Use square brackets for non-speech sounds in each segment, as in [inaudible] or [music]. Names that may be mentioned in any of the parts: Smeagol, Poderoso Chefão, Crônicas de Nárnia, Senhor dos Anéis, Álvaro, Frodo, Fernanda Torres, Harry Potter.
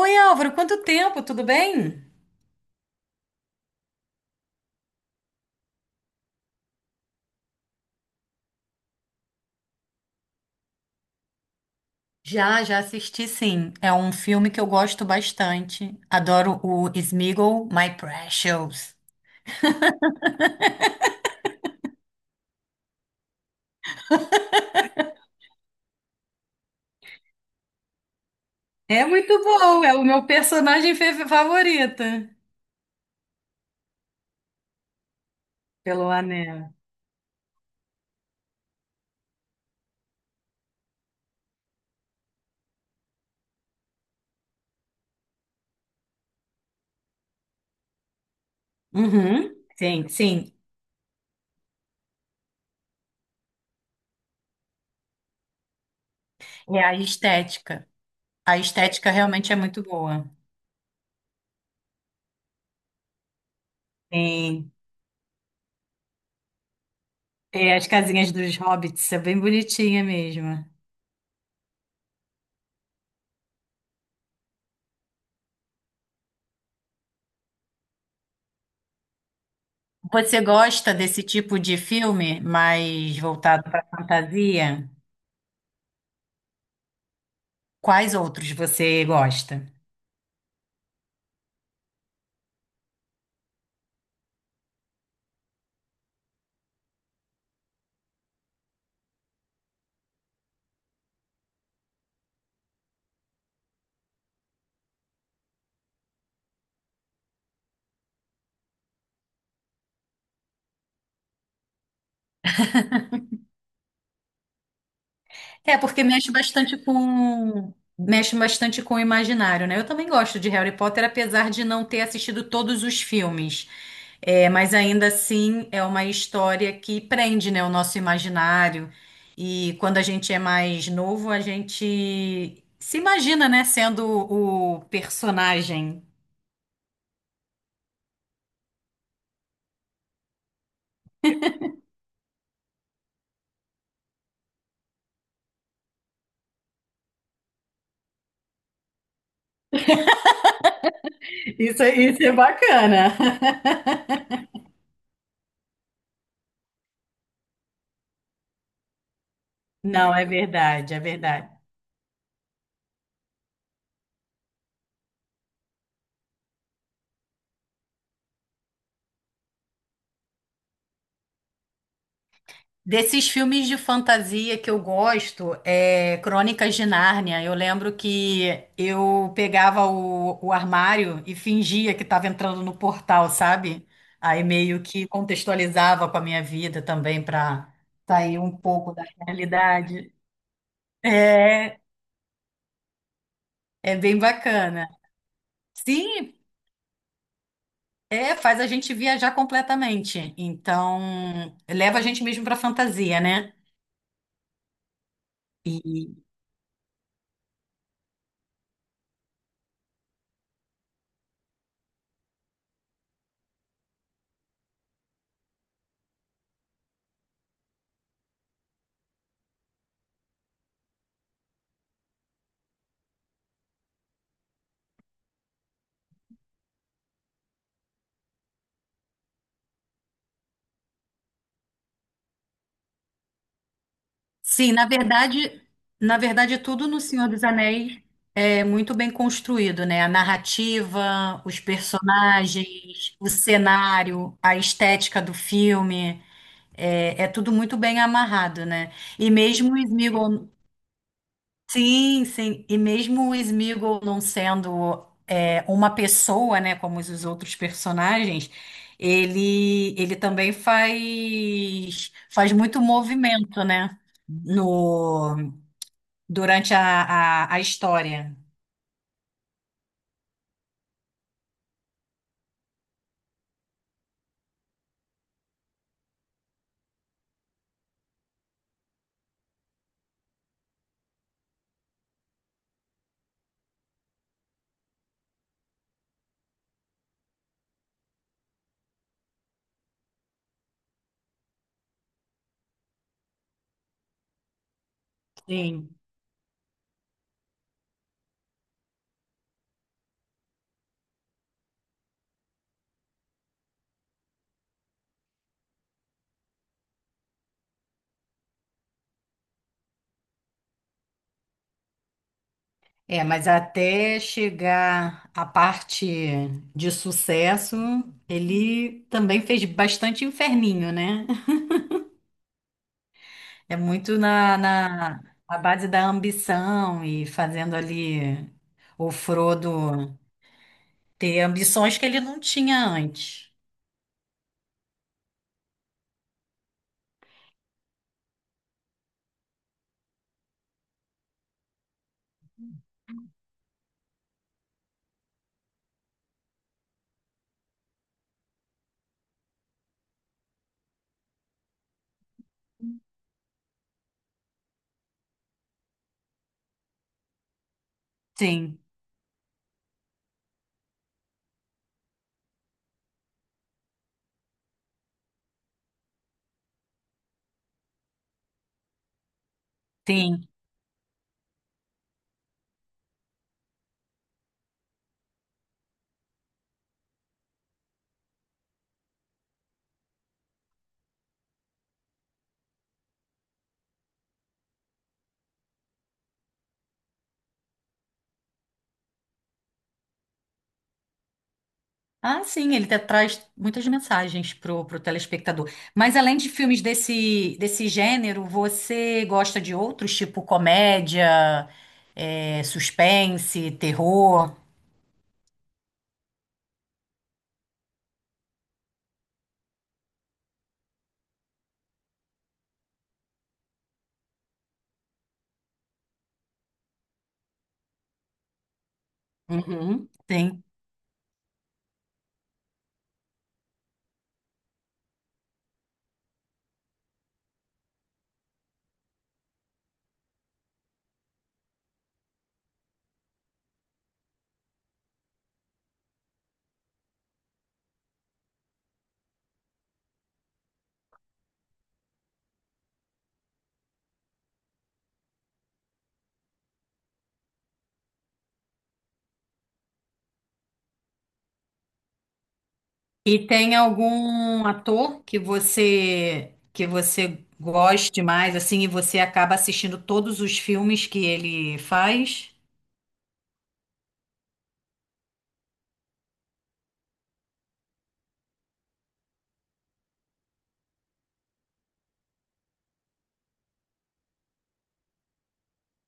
Oi, Álvaro, quanto tempo? Tudo bem? Já assisti, sim. É um filme que eu gosto bastante. Adoro o Smeagol, My Precious. É muito bom, é o meu personagem favorito pelo anel. Uhum. Sim, sim. É a estética. A estética realmente é muito boa. Sim, tem as casinhas dos hobbits, é bem bonitinha mesmo. Você gosta desse tipo de filme mais voltado para fantasia? Quais outros você gosta? É, porque mexe bastante com o imaginário, né? Eu também gosto de Harry Potter, apesar de não ter assistido todos os filmes. É, mas ainda assim é uma história que prende, né, o nosso imaginário. E quando a gente é mais novo, a gente se imagina, né, sendo o personagem. Isso, isso é bacana. [laughs] Não, é verdade, é verdade. Desses filmes de fantasia que eu gosto, é Crônicas de Nárnia. Eu lembro que eu pegava o armário e fingia que estava entrando no portal, sabe? Aí meio que contextualizava com a minha vida também para sair um pouco da realidade. É, é bem bacana. Sim, é, faz a gente viajar completamente. Então, leva a gente mesmo para fantasia, né? Sim, na verdade, tudo no Senhor dos Anéis é muito bem construído, né? A narrativa, os personagens, o cenário, a estética do filme, é, é tudo muito bem amarrado, né? E mesmo o Sméagol, sim, sim, e mesmo o Sméagol não sendo é, uma pessoa, né, como os outros personagens, ele também faz muito movimento, né? No Durante a história. Sim. É, mas até chegar à parte de sucesso, ele também fez bastante inferninho, né? [laughs] É muito na, na, na base da ambição e fazendo ali o Frodo ter ambições que ele não tinha antes. Sim. Sim. Ah, sim, ele traz muitas mensagens pro, pro telespectador. Mas além de filmes desse gênero, você gosta de outros, tipo comédia, é, suspense, terror? Uhum, sim. E tem algum ator que você goste mais, assim, e você acaba assistindo todos os filmes que ele faz?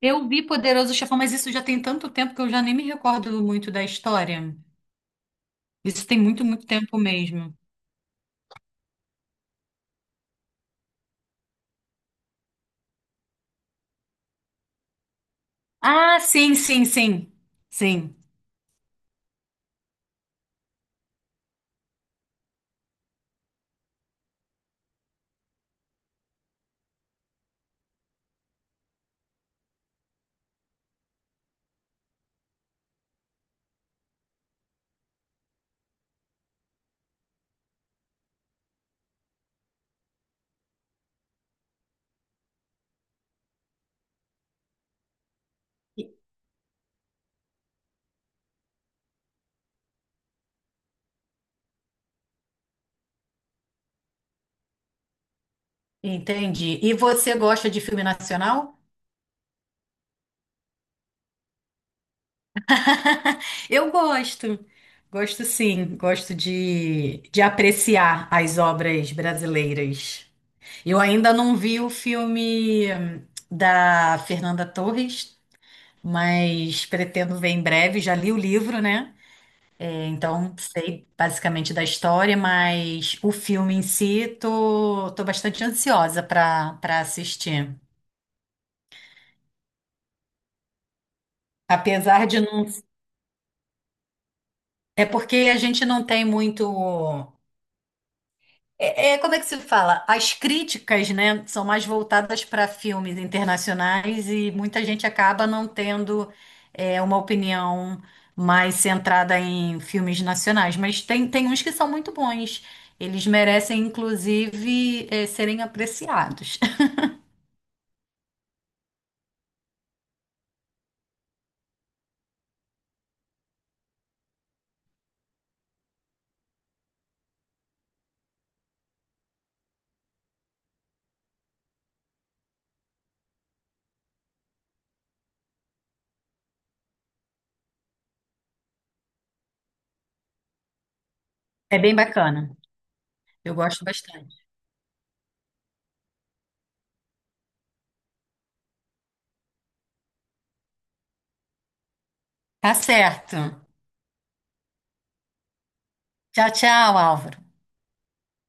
Eu vi Poderoso Chefão, mas isso já tem tanto tempo que eu já nem me recordo muito da história. Isso tem muito, muito tempo mesmo. Ah, sim, sim, sim. Sim. E- Entendi. E você gosta de filme nacional? [laughs] Eu gosto. Gosto sim. Gosto de apreciar as obras brasileiras. Eu ainda não vi o filme da Fernanda Torres, mas pretendo ver em breve. Já li o livro, né? Então, sei basicamente da história, mas o filme em si, tô bastante ansiosa para para assistir. Apesar de não. É porque a gente não tem muito. É, é- como é que se fala? As críticas, né, são mais voltadas para filmes internacionais e muita gente acaba não tendo é, uma opinião mais centrada em filmes nacionais. Mas tem uns que são muito bons. Eles merecem, inclusive, é, serem apreciados. É bem bacana. Eu gosto bastante. Tá certo. Tchau, tchau, Álvaro.